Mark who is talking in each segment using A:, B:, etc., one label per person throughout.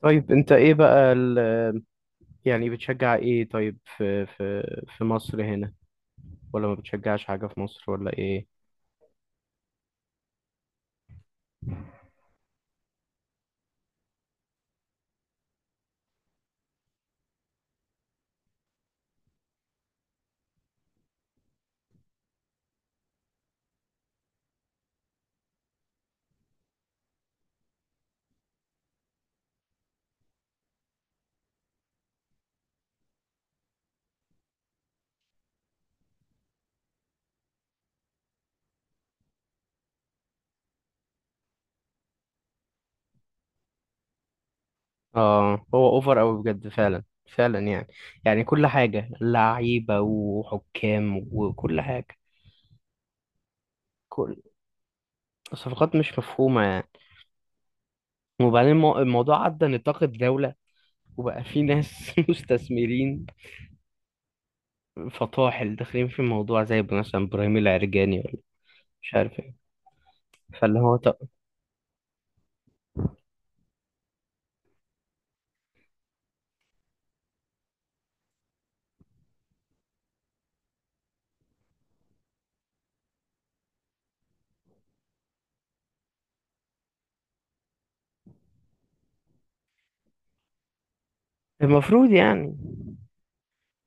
A: طيب انت ايه بقى ال-، بتشجع ايه؟ طيب في مصر هنا، ولا ما بتشجعش حاجة في مصر ولا ايه؟ اه، هو اوفر اوي بجد فعلا. فعلا يعني، يعني كل حاجة لعيبة وحكام وكل حاجة. كل صفقات مش مفهومة يعني. وبعدين الموضوع عدى نطاق الدولة، وبقى في ناس مستثمرين فطاحل داخلين في الموضوع زي مثلا ابراهيم العرجاني، ولا مش عارف ايه. فاللي هو طب المفروض يعني.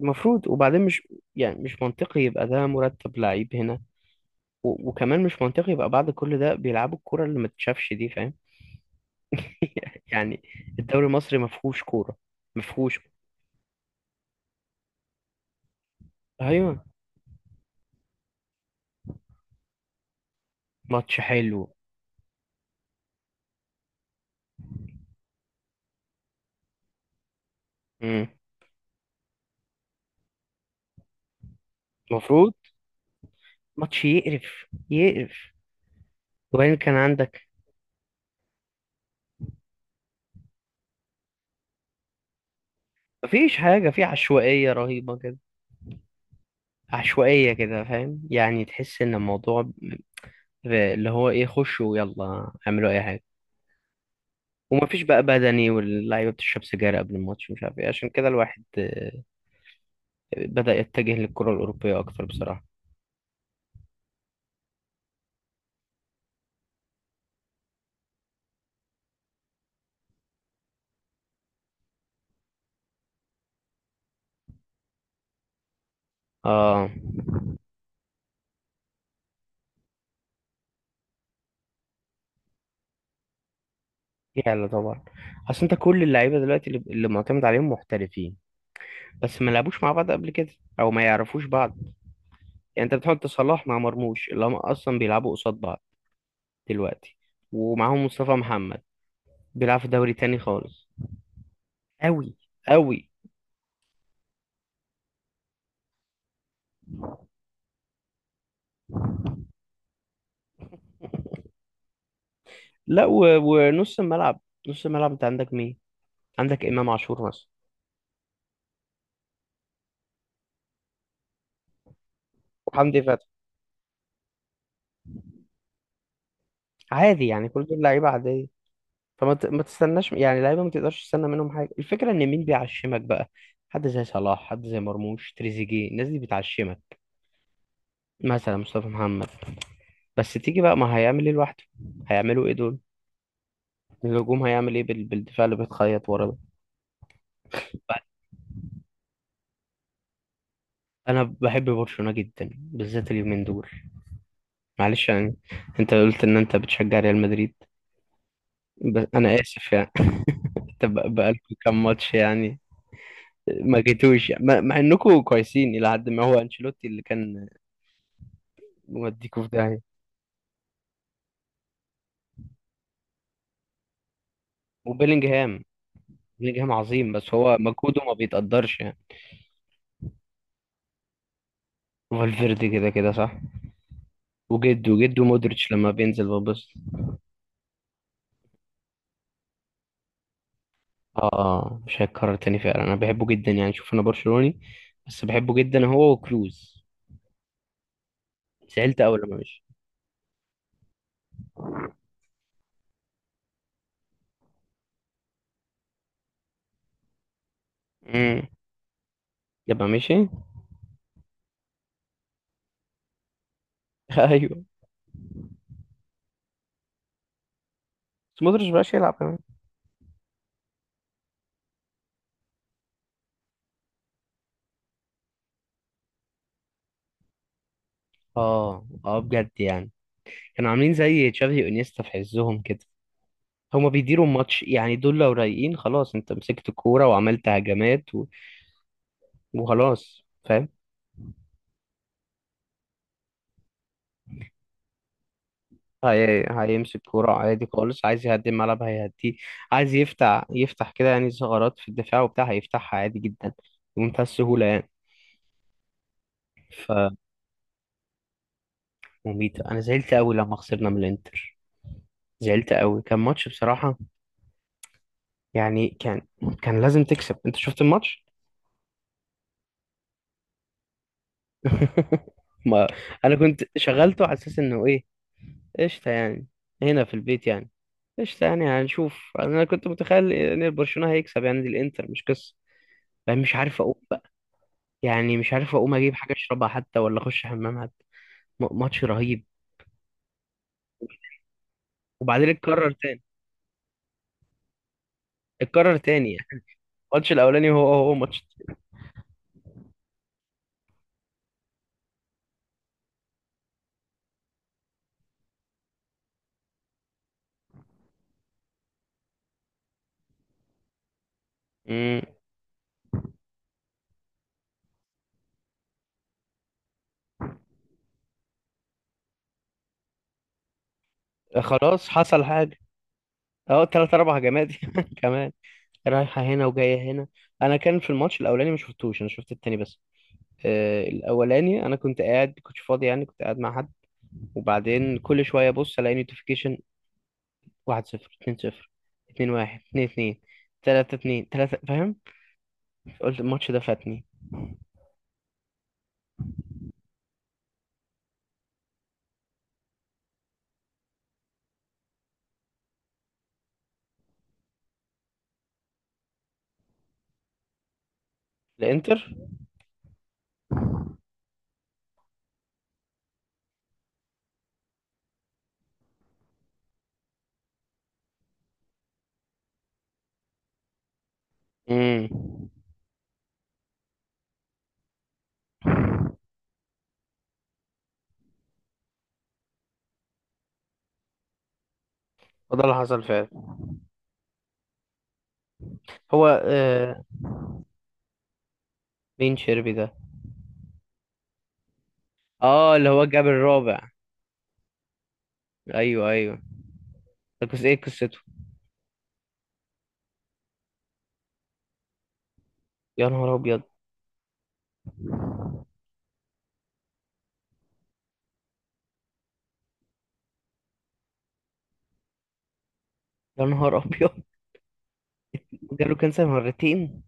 A: المفروض، وبعدين مش، يعني مش منطقي يبقى ده مرتب لعيب هنا. وكمان مش منطقي يبقى بعد كل ده بيلعبوا الكرة اللي ما تتشافش دي، فاهم؟ يعني الدوري المصري ما فيهوش كورة، ما فيهوش. ايوه، ماتش حلو. امم، المفروض ماتش يقرف يقرف. وبعدين كان عندك مفيش حاجة، في عشوائية رهيبة كده. عشوائية كده، فاهم؟ يعني تحس ان الموضوع ب-، اللي هو ايه، خشوا يلا اعملوا اي حاجة. ومفيش بقى بدني، واللعيبه بتشرب سجاير قبل الماتش، مش عارف ايه. عشان كده الواحد آه، بدأ يتجه للكره الاوروبيه اكتر بصراحه. اه، يلا طبعا. اصل انت كل اللعيبه دلوقتي اللي معتمد عليهم محترفين، بس ما لعبوش مع بعض قبل كده، او ما يعرفوش بعض. يعني انت بتحط صلاح مع مرموش، اللي هم اصلا بيلعبوا قصاد بعض دلوقتي. ومعاهم مصطفى محمد بيلعب في دوري تاني خالص. قوي. قوي. لا، ونص الملعب. نص الملعب انت عندك مين؟ عندك امام عاشور مثلا، وحمدي فتحي عادي يعني. كل دول لعيبه عاديه. ما تستناش يعني لعيبه، ما تقدرش تستنى منهم حاجه. الفكره ان مين بيعشمك بقى؟ حد زي صلاح، حد زي مرموش، تريزيجيه، الناس دي بتعشمك. مثلا مصطفى محمد، بس تيجي بقى ما هيعمل ايه لوحده؟ هيعملوا ايه دول؟ الهجوم هيعمل ايه بال-، بالدفاع اللي بيتخيط ورا ده؟ انا بحب برشلونه جدا بالذات اليومين دول، معلش يعني. انت قلت ان انت بتشجع ريال مدريد، بس انا اسف يعني. انت بقى-، بقالكوا كام ماتش يعني ما جيتوش يعني. مع انكم كويسين الى حد ما. هو انشيلوتي اللي كان موديكوا في داهيه. وبيلينجهام، بيلينجهام عظيم بس هو مجهوده ما بيتقدرش يعني. فالفيردي كده كده صح، وجد وجد. ومودريتش لما بينزل ببص. اه، مش هيتكرر تاني فعلا. انا بحبه جدا يعني. شوف، انا برشلوني بس بحبه جدا، هو وكروز. زعلت اول لما مشي. امم، يبقى مشي. ايوه. بس مودريتش مبقاش يلعب كمان. اه اه، بجد يعني. كانوا عاملين زي تشافي وانيستا في عزهم كده. هما بيديروا الماتش يعني. دول لو رايقين، خلاص انت مسكت الكورة وعملت هجمات و... وخلاص، فاهم؟ هيمسك كورة عادي خالص. عايز يهدي الملعب هيهديه. عايز يفتح، يفتح كده يعني ثغرات في الدفاع وبتاع، هيفتحها عادي جدا، بمنتهى السهولة يعني. فمميتة. أنا زعلت أوي لما خسرنا من الإنتر. زعلت أوي، كان ماتش بصراحة. يعني كان لازم تكسب. أنت شفت الماتش؟ ما أنا كنت شغلته على أساس إنه إيه، قشطة يعني، هنا في البيت يعني. قشطة يعني هنشوف. أنا كنت متخيل إن برشلونة هيكسب، يعني دي الإنتر مش قصة. يعني مش عارف أقوم بقى. يعني مش عارف أقوم أجيب حاجة أشربها حتى، ولا أخش حمام حتى. ماتش رهيب. وبعدين اتكرر تاني. اتكرر تاني يعني الماتش الأولاني هو ماتش. مم. خلاص حصل حاجة. أهو تلات أربع هجمات كمان، رايحة هنا وجاية هنا. أنا كان في الماتش الأولاني ما شفتوش، أنا شفت التاني بس. آه، الاولاني انا كنت قاعد، كنتش فاضي يعني، كنت قاعد مع حد. وبعدين كل شويه ابص الاقي نوتيفيكيشن: 1 0، 2 0، 2 1، 2 2، 3 2، 3، فاهم؟ قلت الماتش ده فاتني. الانتر. امم. وده اللي حصل فعلا. هو آه... مين شيربي ده؟ اه، اللي هو جاب الرابع. ايوه ايوه. ده قص ايه قصته؟ يا نهار ابيض. يا نهار ابيض. جاله كانسر مرتين.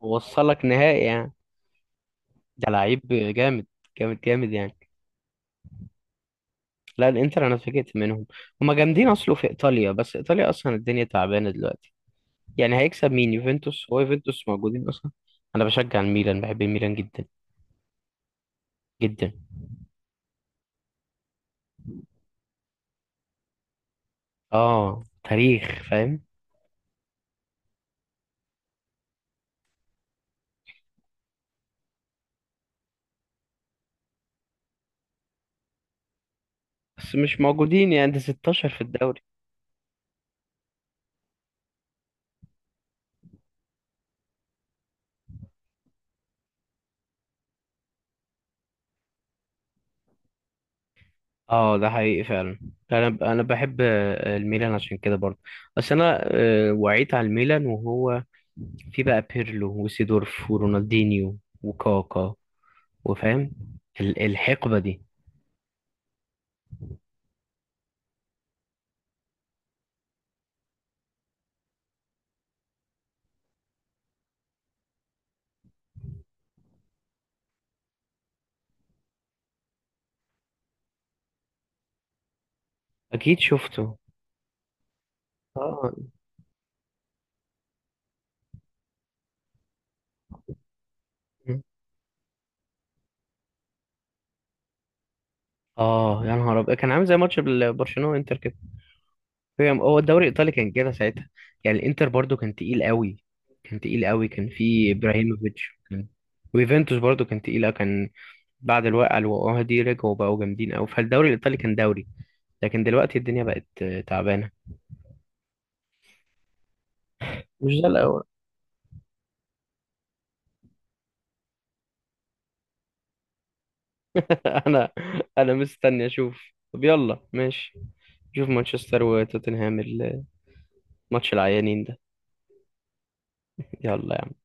A: ووصلك نهائي يعني. ده لعيب جامد، جامد جامد يعني. لا، الانتر انا اتفاجئت منهم. هما جامدين. اصله في ايطاليا، بس ايطاليا اصلا الدنيا تعبانه دلوقتي، يعني هيكسب مين؟ يوفنتوس؟ هو يوفنتوس موجودين اصلا. انا بشجع الميلان، بحب الميلان جدا، جدا. اه، تاريخ فاهم. بس مش موجودين يعني، ده 16 في الدوري. اه، ده حقيقي فعلا. انا بحب آه، الميلان عشان كده برضه. بس انا آه، وعيت على الميلان وهو في بقى بيرلو وسيدورف ورونالدينيو وكاكا، وفاهم، الحقبة دي. أكيد شفته. اه اه، يا نهار ابيض. كان عامل زي ماتش برشلونه وانتر كده. هو الدوري الايطالي كان كده ساعتها. يعني الانتر برضو كان تقيل قوي، كان تقيل قوي. كان في ابراهيموفيتش. كان ويوفنتوس برضو كان تقيله. كان بعد الوقعه اللي وقعوها دي رجعوا بقوا جامدين قوي. فالدوري الايطالي كان دوري. لكن دلوقتي الدنيا بقت آه، تعبانه. مش ده الاول. انا، انا مستني اشوف. طب يلا ماشي، شوف مانشستر وتوتنهام الماتش العيانين ده. يلا.